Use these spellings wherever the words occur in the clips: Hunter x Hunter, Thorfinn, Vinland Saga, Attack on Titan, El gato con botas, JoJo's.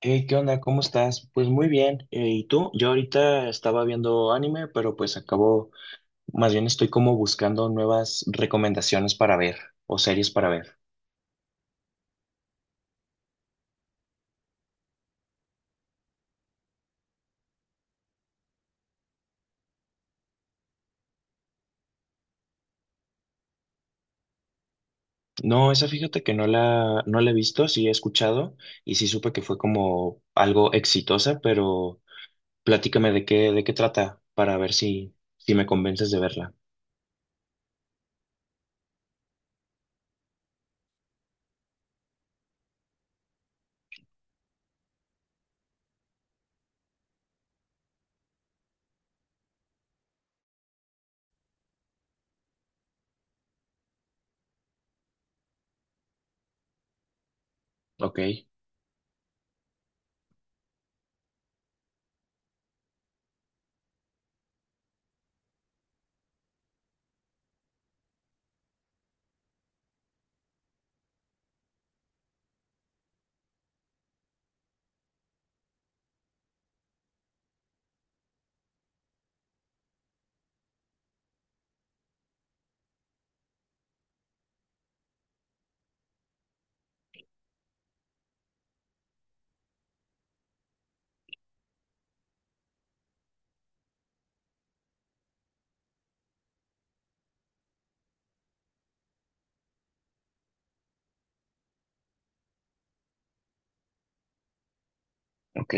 Hey, ¿qué onda? ¿Cómo estás? Pues muy bien. ¿Y tú? Yo ahorita estaba viendo anime, pero pues acabo, más bien estoy como buscando nuevas recomendaciones para ver o series para ver. No, esa fíjate que no la he visto, sí he escuchado y sí supe que fue como algo exitosa, pero platícame de de qué trata para ver si me convences de verla. Ok, ok.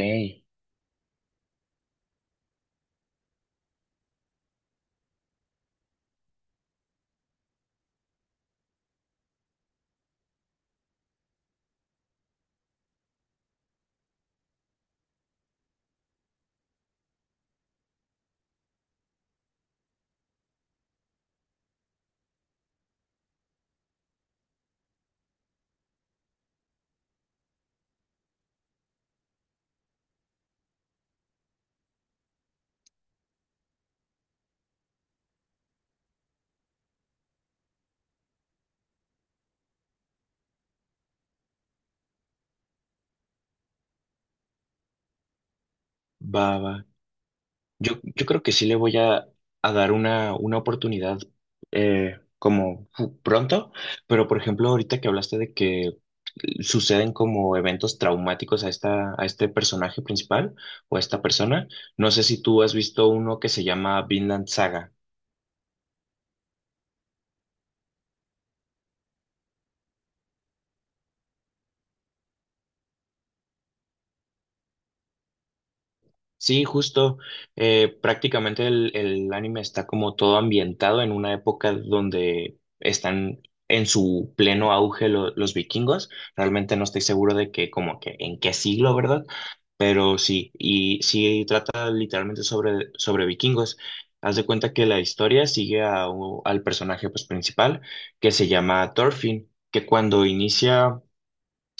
Va, va. Yo creo que sí le voy a dar una oportunidad, como pronto, pero por ejemplo, ahorita que hablaste de que suceden como eventos traumáticos a a este personaje principal o a esta persona, no sé si tú has visto uno que se llama Vinland Saga. Sí, justo. Eh, prácticamente el anime está como todo ambientado en una época donde están en su pleno auge los vikingos. Realmente no estoy seguro de que como que en qué siglo, ¿verdad? Pero sí, y sí trata literalmente sobre vikingos. Haz de cuenta que la historia sigue a al personaje pues, principal, que se llama Thorfinn, que cuando inicia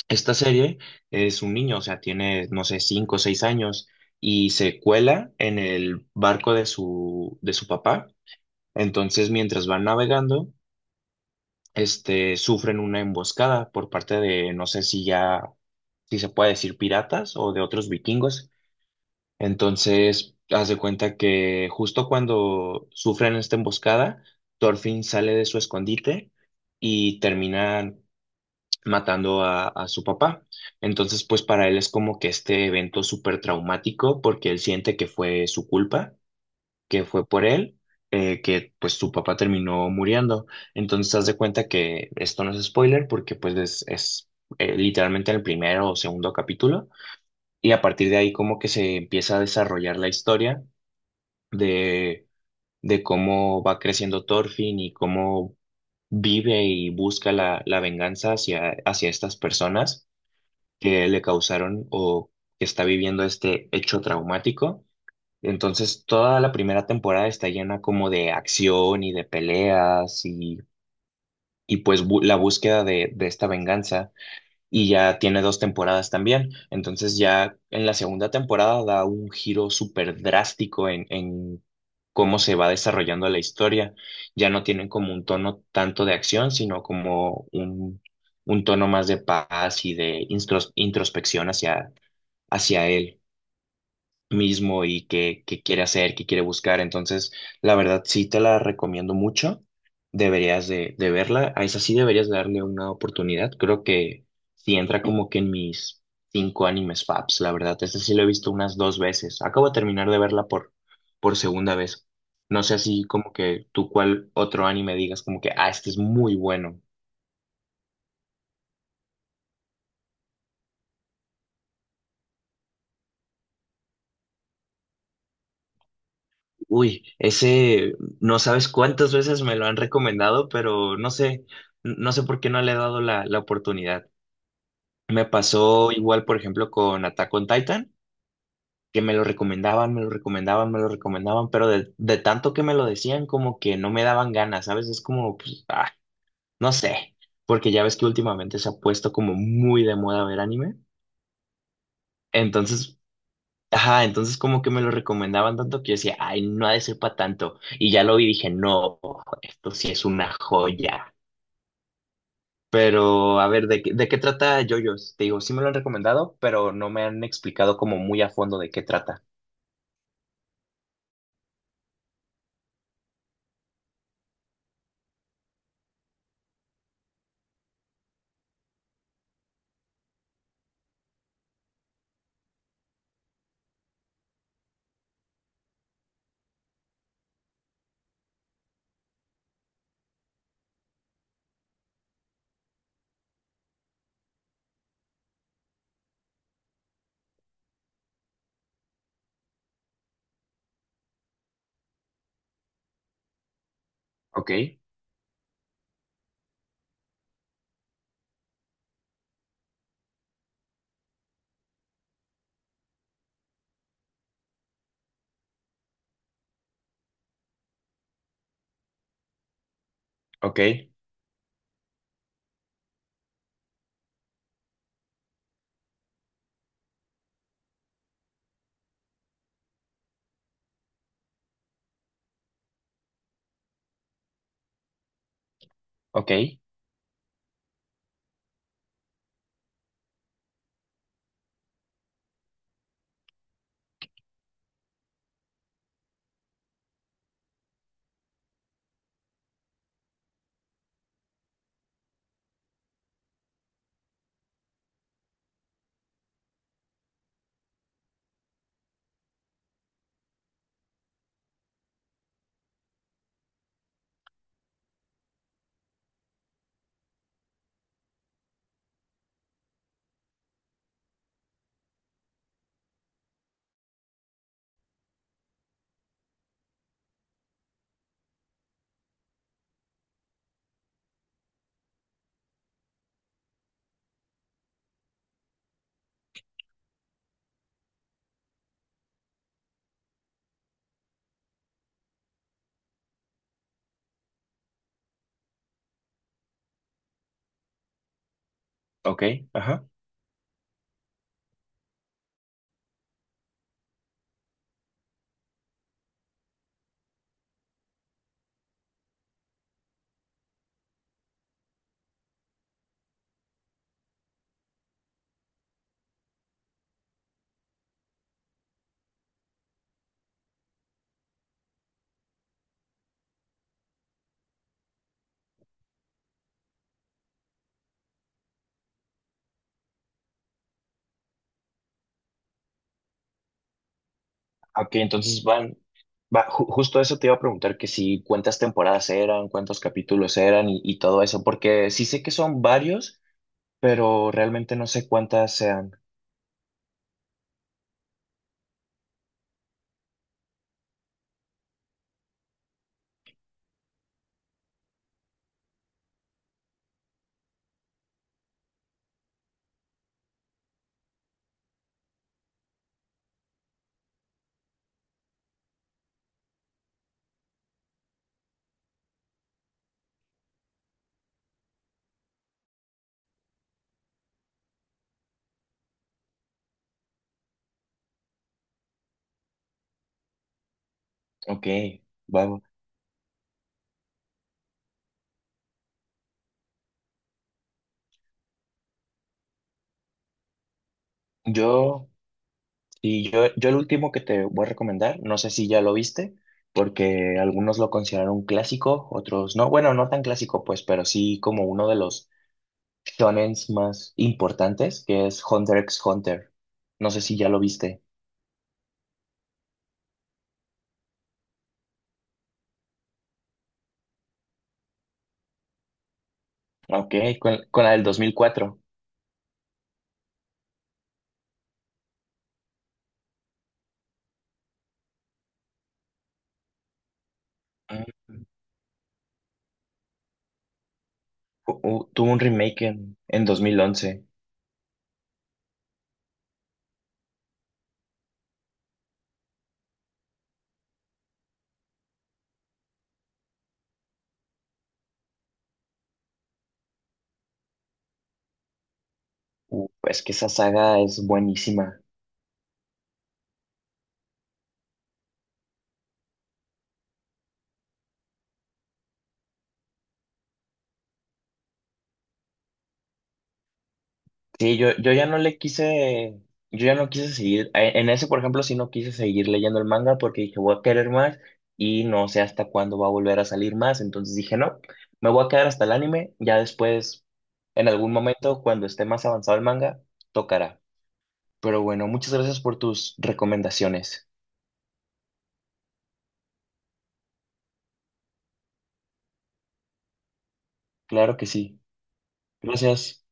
esta serie es un niño, o sea, tiene, no sé, cinco o seis años y se cuela en el barco de de su papá. Entonces, mientras van navegando, sufren una emboscada por parte de, no sé si ya, si se puede decir piratas o de otros vikingos. Entonces, haz de cuenta que justo cuando sufren esta emboscada, Thorfinn sale de su escondite y terminan matando a su papá. Entonces, pues para él es como que este evento súper traumático porque él siente que fue su culpa, que fue por él, que pues su papá terminó muriendo. Entonces, haz de cuenta que esto no es spoiler porque pues es literalmente el primero o segundo capítulo y a partir de ahí como que se empieza a desarrollar la historia de, de cómo va creciendo Thorfinn y cómo vive y busca la venganza hacia estas personas que le causaron o que está viviendo este hecho traumático. Entonces, toda la primera temporada está llena como de acción y de peleas y pues la búsqueda de esta venganza. Y ya tiene dos temporadas también. Entonces, ya en la segunda temporada da un giro súper drástico en cómo se va desarrollando la historia. Ya no tienen como un tono tanto de acción, sino como un tono más de paz y de introspección hacia hacia él mismo y qué quiere hacer, qué quiere buscar. Entonces, la verdad, sí te la recomiendo mucho. Deberías de verla. A esa sí deberías darle una oportunidad. Creo que sí entra como que en mis cinco animes faps, la verdad. Este sí lo he visto unas dos veces. Acabo de terminar de verla por segunda vez. No sé así como que tú cuál otro anime digas como que, ah, este es muy bueno. Uy, ese no sabes cuántas veces me lo han recomendado, pero no sé, no sé por qué no le he dado la oportunidad. Me pasó igual, por ejemplo, con Attack on Titan, que me lo recomendaban, me lo recomendaban, me lo recomendaban, pero de tanto que me lo decían, como que no me daban ganas, ¿sabes? Es como, pues, ah, no sé, porque ya ves que últimamente se ha puesto como muy de moda ver anime. Entonces, ajá, entonces como que me lo recomendaban tanto que yo decía, ay, no ha de ser para tanto. Y ya lo vi y dije, no, esto sí es una joya. Pero, a ver, ¿de, de qué trata JoJo's? Te digo, sí me lo han recomendado, pero no me han explicado como muy a fondo de qué trata. Ok, ok, ok, ok, ajá. Ok, entonces van, va, justo eso te iba a preguntar que si cuántas temporadas eran, cuántos capítulos eran y todo eso, porque sí sé que son varios, pero realmente no sé cuántas sean. Ok. Va. Yo, y yo el último que te voy a recomendar, no sé si ya lo viste, porque algunos lo consideran un clásico, otros no, bueno, no tan clásico pues, pero sí como uno de los shonens más importantes, que es Hunter x Hunter. No sé si ya lo viste. Ok, con la del 2004. Mm. Tuvo un remake en 2011. Es que esa saga es buenísima. Sí, yo ya no le quise, yo ya no quise seguir, en ese, por ejemplo, sí no quise seguir leyendo el manga porque dije, voy a querer más y no sé hasta cuándo va a volver a salir más, entonces dije, no, me voy a quedar hasta el anime, ya después, en algún momento, cuando esté más avanzado el manga, tocará. Pero bueno, muchas gracias por tus recomendaciones. Claro que sí. Gracias.